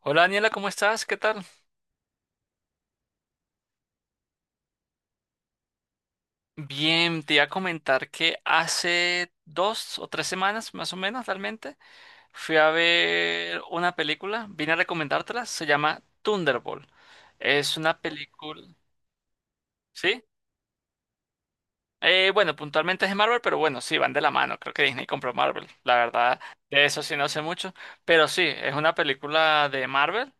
Hola Daniela, ¿cómo estás? ¿Qué tal? Bien, te iba a comentar que hace 2 o 3 semanas, más o menos realmente, fui a ver una película, vine a recomendártela, se llama Thunderbolt. Es una película, ¿sí? Bueno, puntualmente es de Marvel, pero bueno, sí, van de la mano, creo que Disney compró Marvel, la verdad, de eso sí no sé mucho, pero sí, es una película de Marvel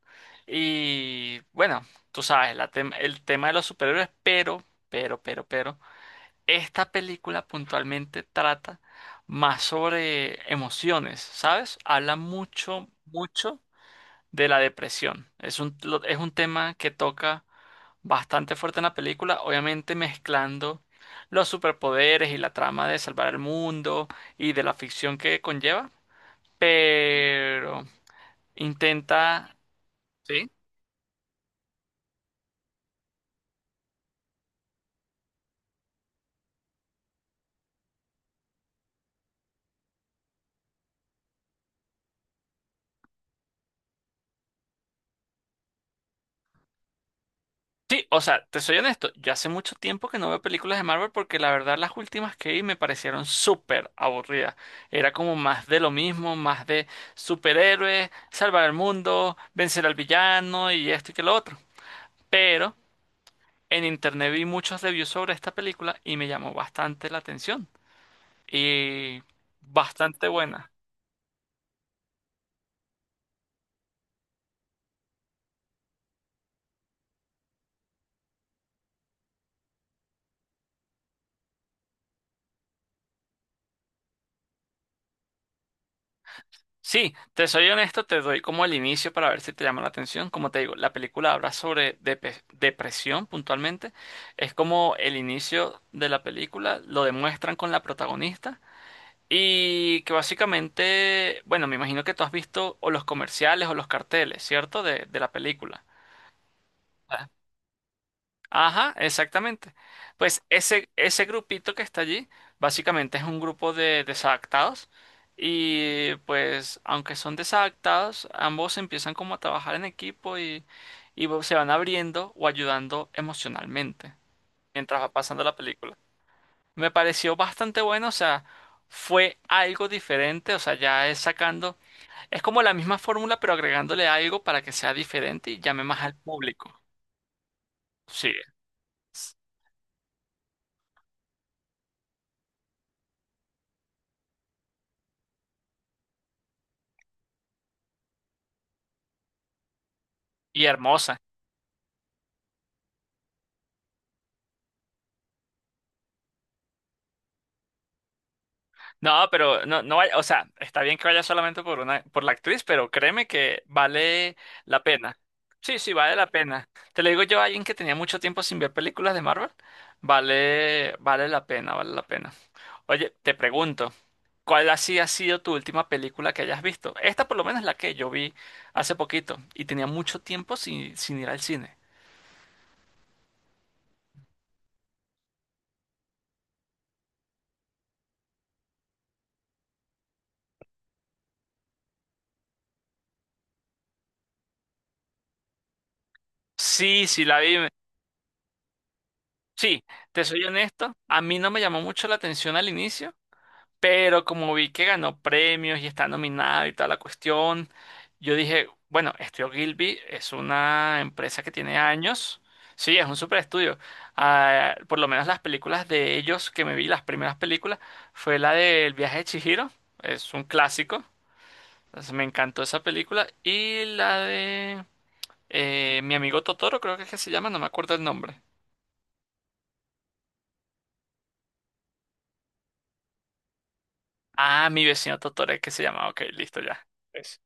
y bueno, tú sabes, la el tema de los superhéroes, pero. Esta película puntualmente trata más sobre emociones, ¿sabes? Habla mucho, mucho de la depresión. Es un tema que toca bastante fuerte en la película, obviamente mezclando los superpoderes y la trama de salvar el mundo y de la ficción que conlleva, pero intenta... ¿Sí? Sí, o sea, te soy honesto, yo hace mucho tiempo que no veo películas de Marvel porque la verdad las últimas que vi me parecieron súper aburridas. Era como más de lo mismo, más de superhéroes, salvar el mundo, vencer al villano y esto y que lo otro. Pero en internet vi muchos reviews sobre esta película y me llamó bastante la atención. Y bastante buena. Sí, te soy honesto, te doy como el inicio para ver si te llama la atención. Como te digo, la película habla sobre depresión puntualmente. Es como el inicio de la película, lo demuestran con la protagonista. Y que básicamente, bueno, me imagino que tú has visto o los comerciales o los carteles, ¿cierto? De la película. Ajá, exactamente. Pues ese grupito que está allí, básicamente es un grupo de desadaptados y pues aunque son desadaptados, ambos empiezan como a trabajar en equipo y se van abriendo o ayudando emocionalmente mientras va pasando la película. Me pareció bastante bueno, o sea, fue algo diferente, o sea, ya es sacando, es como la misma fórmula pero agregándole algo para que sea diferente y llame más al público. Sí, es- y hermosa. No, pero no, no vaya, o sea, está bien que vaya solamente por una, por la actriz, pero créeme que vale la pena. Sí, sí, vale la pena. Te lo digo yo, alguien que tenía mucho tiempo sin ver películas de Marvel, vale, vale la pena, vale la pena. Oye, te pregunto, ¿cuál así ha sido tu última película que hayas visto? Esta por lo menos es la que yo vi hace poquito y tenía mucho tiempo sin ir al cine. Sí, sí, la vi. Sí, te soy honesto, a mí no me llamó mucho la atención al inicio. Pero como vi que ganó premios y está nominada y toda la cuestión, yo dije, bueno, Estudio Gilby es una empresa que tiene años. Sí, es un super estudio. Ah, por lo menos las películas de ellos que me vi, las primeras películas, fue la del viaje de Chihiro. Es un clásico. Entonces, me encantó esa película. Y la de Mi amigo Totoro, creo que es que se llama, no me acuerdo el nombre. Ah, mi vecino Totoro es que se llama. Ok, listo ya. Es...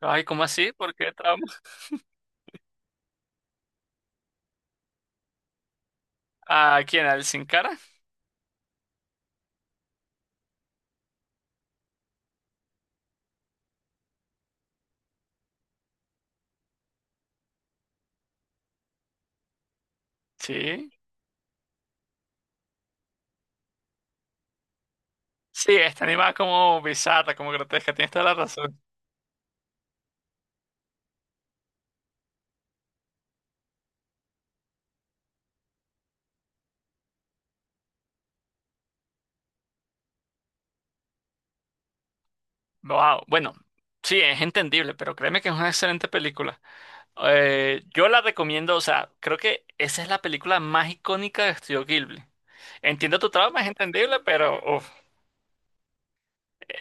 Ay, ¿cómo así? ¿Por qué trauma? ¿A quién? ¿Al Sin Cara? Sí. Sí, está animada como bizarra, como grotesca, tienes toda la razón. Wow. Bueno, sí, es entendible, pero créeme que es una excelente película. Yo la recomiendo, o sea, creo que esa es la película más icónica de Estudio Ghibli. Entiendo tu trauma, es entendible, pero uf. eh,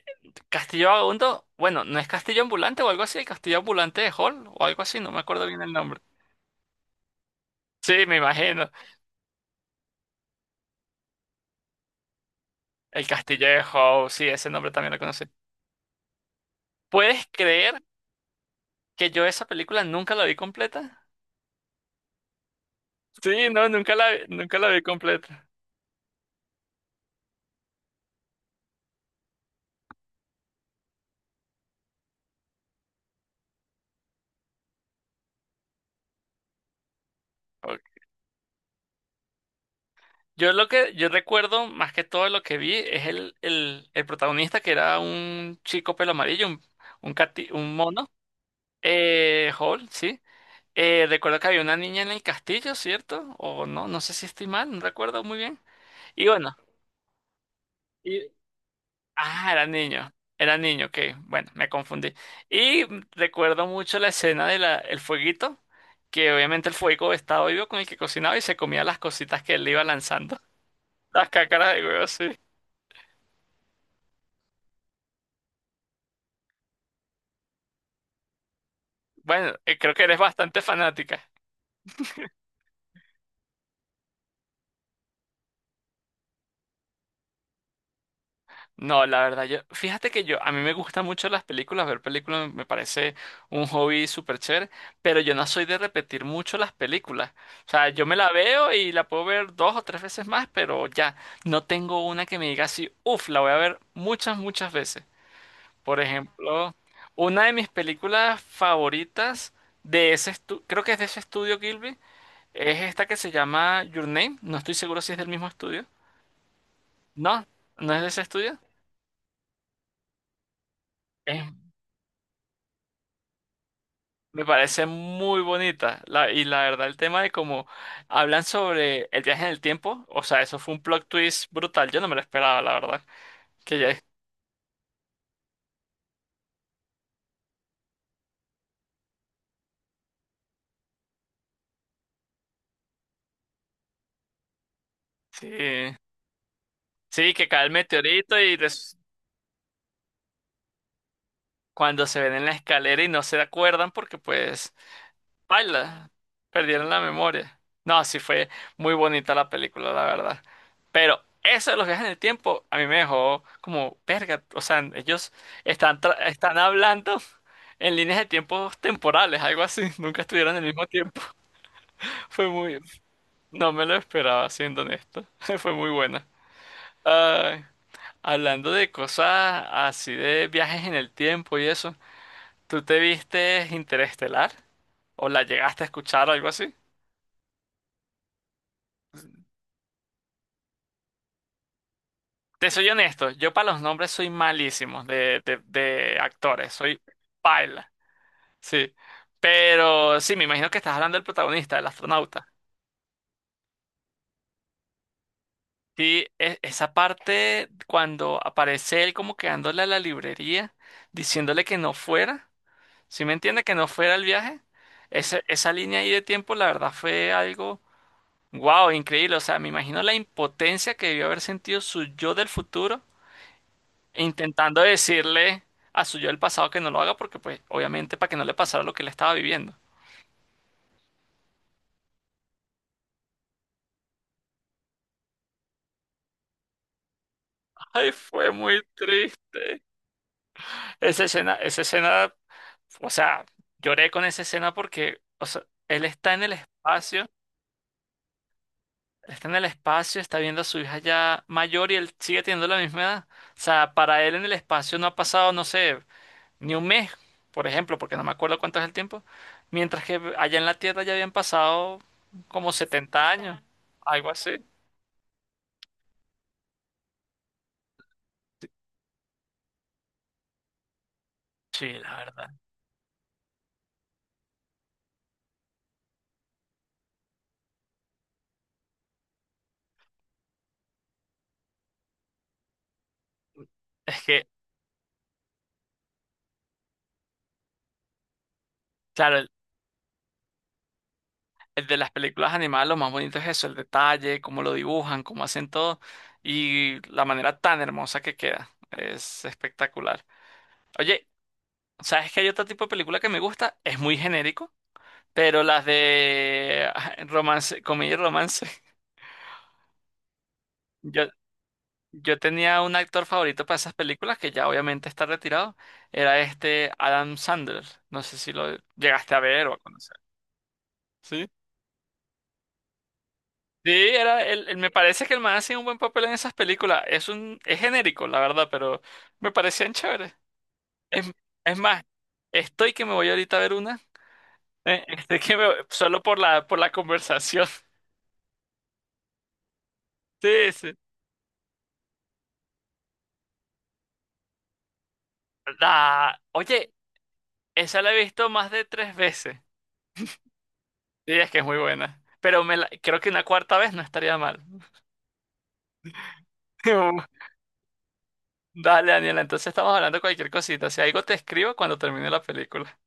Castillo Vagabundo, bueno, ¿no es Castillo Ambulante o algo así? ¿El Castillo Ambulante de Hall o algo así? No me acuerdo bien el nombre. Sí, me imagino. El Castillo de Hall, sí, ese nombre también lo conocí. ¿Puedes creer? Que yo esa película nunca la vi completa. Sí, no, nunca la vi completa. Ok. Yo lo que yo recuerdo más que todo lo que vi es el protagonista que era un chico pelo amarillo, un, un mono. Hall, sí. Recuerdo que había una niña en el castillo, ¿cierto? O no, no sé si estoy mal, no recuerdo muy bien. Y bueno. Ah, era niño. Era niño, ok. Bueno, me confundí. Y recuerdo mucho la escena de el fueguito, que obviamente el fuego estaba vivo con el que cocinaba y se comía las cositas que él le iba lanzando. Las cácaras de huevo, sí. Bueno, creo que eres bastante fanática. No, la verdad, yo, fíjate que yo, a mí me gustan mucho las películas, ver películas me parece un hobby súper chévere, pero yo no soy de repetir mucho las películas. O sea, yo me la veo y la puedo ver dos o tres veces más, pero ya, no tengo una que me diga así, uff, la voy a ver muchas, muchas veces. Por ejemplo, una de mis películas favoritas de ese estudio, creo que es de ese estudio Gilby, es esta que se llama Your Name, no estoy seguro si es del mismo estudio. No, no es de ese estudio. Me parece muy bonita. La, y la verdad, el tema de cómo hablan sobre el viaje en el tiempo, o sea, eso fue un plot twist brutal. Yo no me lo esperaba, la verdad. Que ya, sí, sí, que cae el meteorito y cuando se ven en la escalera y no se acuerdan porque pues Baila, perdieron la memoria. No, sí fue muy bonita la película, la verdad. Pero eso de los viajes en el tiempo a mí me dejó como verga. O sea, ellos están hablando en líneas de tiempos temporales, algo así. Nunca estuvieron en el mismo tiempo. Fue muy... No me lo esperaba, siendo honesto. Fue muy buena. Ay, hablando de cosas así de viajes en el tiempo y eso, ¿tú te viste Interestelar? ¿O la llegaste a escuchar o algo así? Te soy honesto, yo para los nombres soy malísimo de actores, soy paila, sí. Pero sí, me imagino que estás hablando del protagonista, del astronauta. Sí, esa parte cuando aparece él como quedándole a la librería, diciéndole que no fuera, ¿sí me entiende? Que no fuera el viaje. Esa línea ahí de tiempo, la verdad, fue algo, wow, increíble. O sea, me imagino la impotencia que debió haber sentido su yo del futuro intentando decirle a su yo del pasado que no lo haga porque, pues, obviamente para que no le pasara lo que le estaba viviendo. Ay, fue muy triste. Esa escena, o sea, lloré con esa escena porque, o sea, él está en el espacio, está en el espacio, está viendo a su hija ya mayor y él sigue teniendo la misma edad. O sea, para él en el espacio no ha pasado, no sé, ni un mes, por ejemplo, porque no me acuerdo cuánto es el tiempo, mientras que allá en la Tierra ya habían pasado como 70 años, algo así. Sí, la verdad. Es que, claro, el de las películas animadas lo más bonito es eso, el detalle, cómo lo dibujan, cómo hacen todo y la manera tan hermosa que queda. Es espectacular. Oye, ¿sabes que hay otro tipo de película que me gusta? Es muy genérico, pero las de ah, romance, comedia y romance. Yo, yo tenía un actor favorito para esas películas que ya obviamente está retirado. Era este Adam Sandler. No sé si lo llegaste a ver o a conocer. Sí, era él. Me parece que el man hacía un buen papel en esas películas. Es un, es genérico, la verdad, pero me parecían chéveres. Es, es más, estoy que me voy ahorita a ver una. Estoy que me voy... solo por la, conversación. Sí, sí. La, oye, esa la he visto más de tres veces. Sí, es que es muy buena. Pero me la, creo que una cuarta vez no estaría mal. Dale, Daniela, entonces estamos hablando de cualquier cosita. Si algo te escribo cuando termine la película.